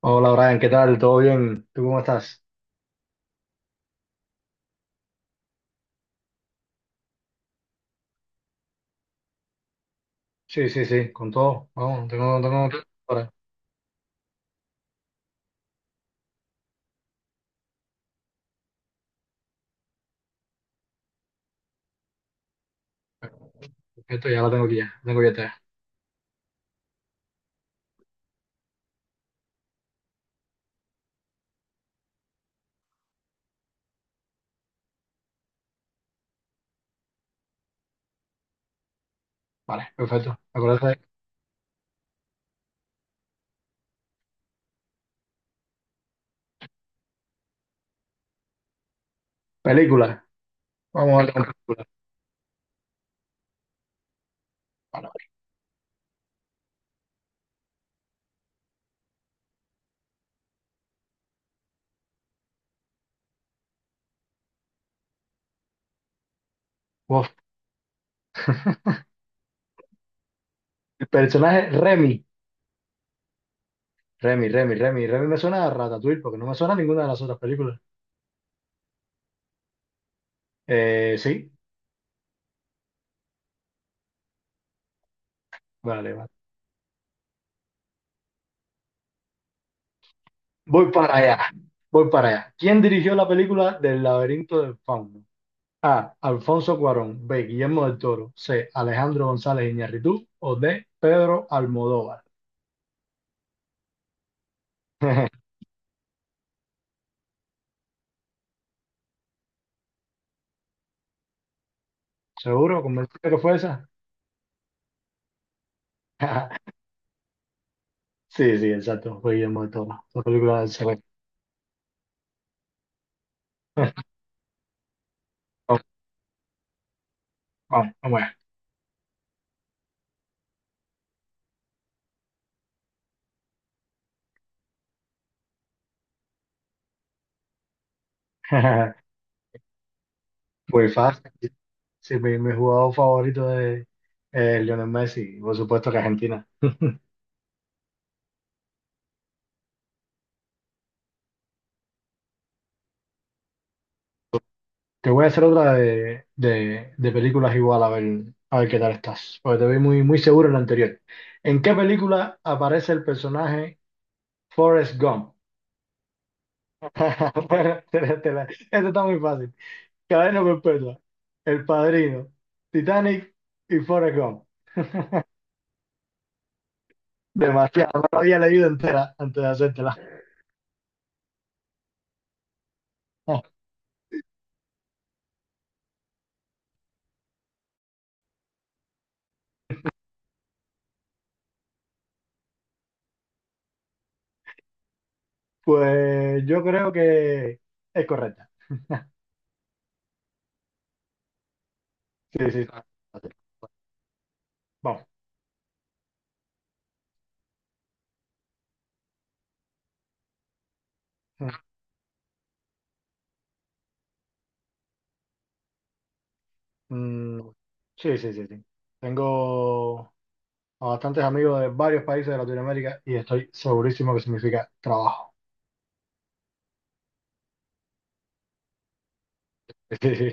Hola Brian, ¿qué tal? ¿Todo bien? ¿Tú cómo estás? Sí, sí, sí, con todo. Vamos, tengo ahora, perfecto, ya la tengo aquí ya, la tengo ya. Ya. Vale, perfecto. ¿Me acuerdas película? Vamos a ver con película. Vale, vale. Uf, El personaje Remy, Remy me suena a Ratatouille porque no me suena a ninguna de las otras películas. Sí, vale, vale. Voy para allá, voy para allá. ¿Quién dirigió la película del laberinto del fauno? A. Alfonso Cuarón. B. Guillermo del Toro. C. Alejandro González Iñárritu. O D. Pedro Almodóvar. ¿Seguro? ¿Convencido que fue esa? Sí, sí, exacto. Fue Guillermo del Toro. La película del CB. Vamos, vamos. Vamos. Muy fácil. Sí, mi jugador favorito de Lionel Messi. Por supuesto que Argentina. Te voy a hacer otra de películas igual, a ver qué tal estás. Porque te vi muy, muy seguro en la anterior. ¿En qué película aparece el personaje Forrest Gump? Bueno, esto está muy fácil. Cadena perpetua. El Padrino. Titanic y Forrest Gump. Demasiado. No la había leído entera antes de hacértela. Ah, pues yo creo que es correcta. Sí, sí. Vamos. Mm, sí, sí, sí, sí. Tengo a bastantes amigos de varios países de Latinoamérica y estoy segurísimo que significa trabajo. Sí, sí.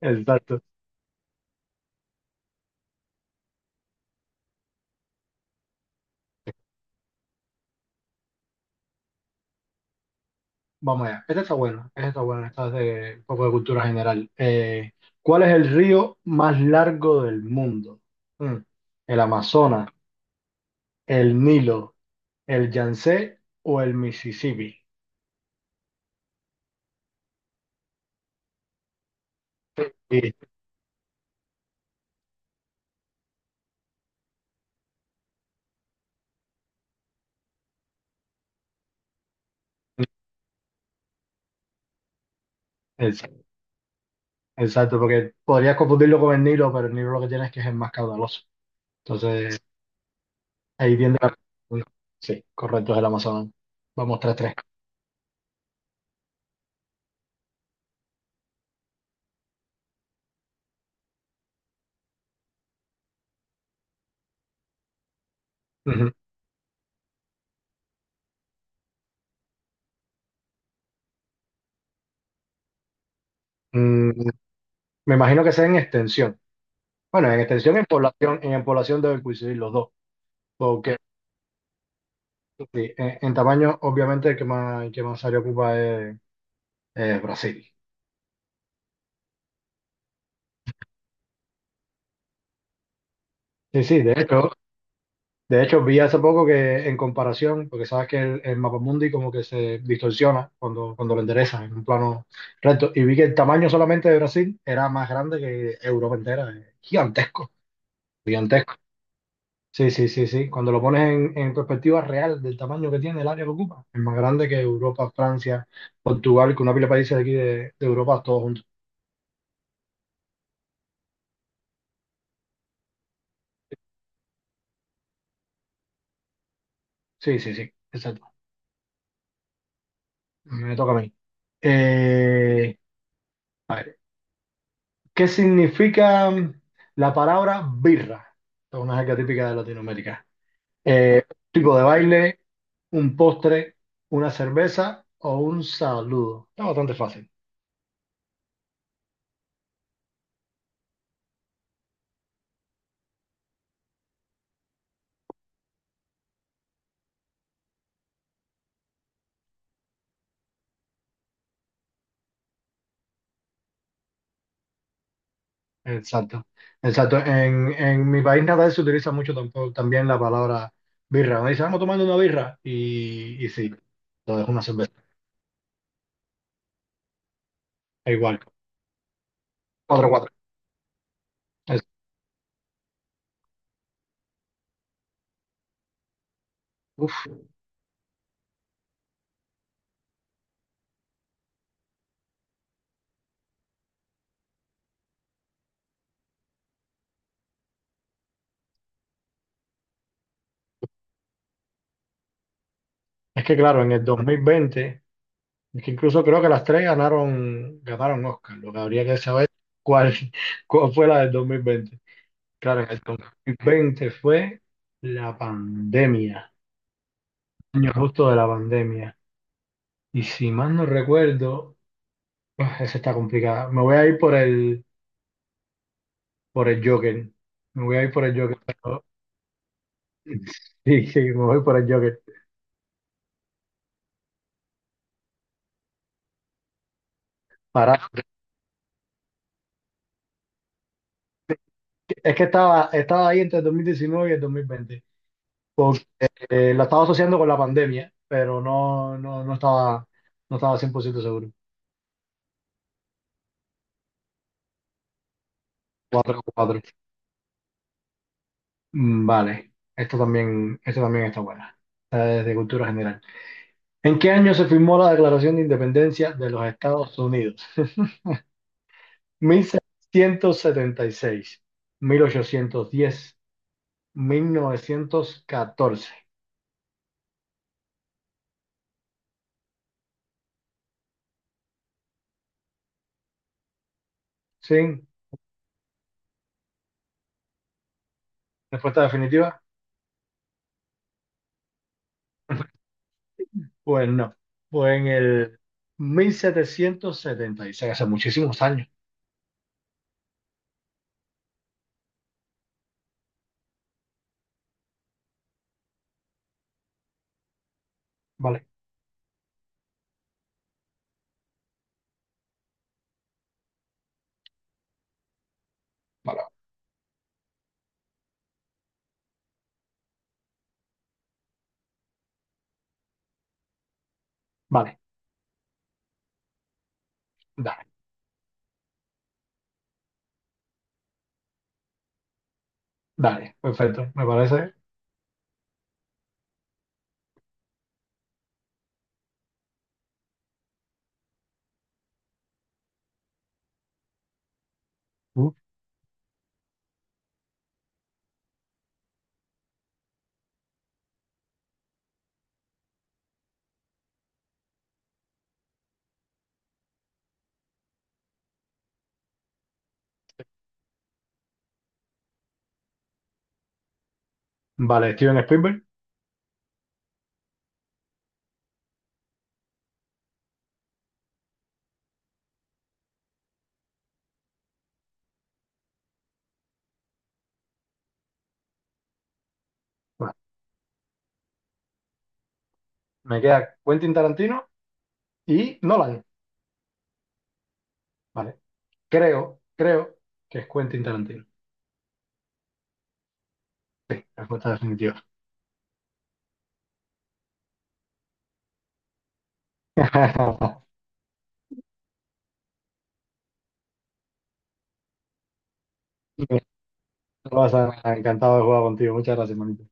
Exacto. Vamos allá. Esta está buena. Esta está buena. Esta es de un poco de cultura general. ¿Cuál es el río más largo del mundo? Mm, ¿El Amazonas, el Nilo, el Yangtze o el Mississippi? Sí, ex- exacto, porque podrías confundirlo con el Nilo, pero el Nilo lo que tiene es que es el más caudaloso. Entonces, ahí tiende la... Sí, correcto, es el Amazonas. Vamos, 3-3. Ujú. Mm, me imagino que sea en extensión. Bueno, en extensión, en población deben coincidir los dos. Porque sí, en tamaño, obviamente, el que más área ocupa es Brasil. Sí, sí, de hecho, vi hace poco que en comparación, porque sabes que el mapamundi como que se distorsiona cuando lo enderezas en un plano recto, y vi que el tamaño solamente de Brasil era más grande que Europa entera, gigantesco, gigantesco. Sí, sí, sí, sí, cuando lo pones en perspectiva real del tamaño que tiene el área que ocupa, es más grande que Europa, Francia, Portugal, que una pila de países de aquí de Europa, todos juntos. Sí, sí, sí, exacto. Me toca a mí. Eh, a ver, ¿qué significa la palabra birra? Es una jerga típica de Latinoamérica. Eh, tipo de baile, un postre, una cerveza o un saludo. Está bastante fácil. Exacto. Exacto. En mi país natal se utiliza mucho también la palabra birra. Me dicen, vamos tomando una birra. Y sí, entonces una cerveza. Es igual. 4-4. Es, uf. Es que claro, en el 2020. Es que incluso creo que las tres ganaron Oscar. Lo que habría que saber cuál, cuál fue la del 2020. Claro, el 2020 fue la pandemia, año justo de la pandemia. Y si mal no recuerdo, ah, esa está complicada. Me voy a ir por el Joker. Me voy a ir por el Joker. Sí, sí, me voy por el Joker. Para, es que estaba ahí entre el 2019 y el 2020. La estaba asociando con la pandemia, pero no, no, no estaba 100% seguro. Cuatro 4. Vale, esto también está buena. Esta es cultura general. ¿En qué año se firmó la Declaración de Independencia de los Estados Unidos? 1776, 1810, 1914. ¿Sí? ¿Respuesta definitiva? Pues no. Fue en el 1776, hace muchísimos años. Vale, vale, vale. Dale, dale, perfecto, me parece. Uh, Vale, Steven Spielberg. Vale. Me queda Quentin Tarantino y Nolan. Vale, creo que es Quentin Tarantino. Sí, respuesta definitiva. Me encantado de jugar contigo. Muchas gracias, manito.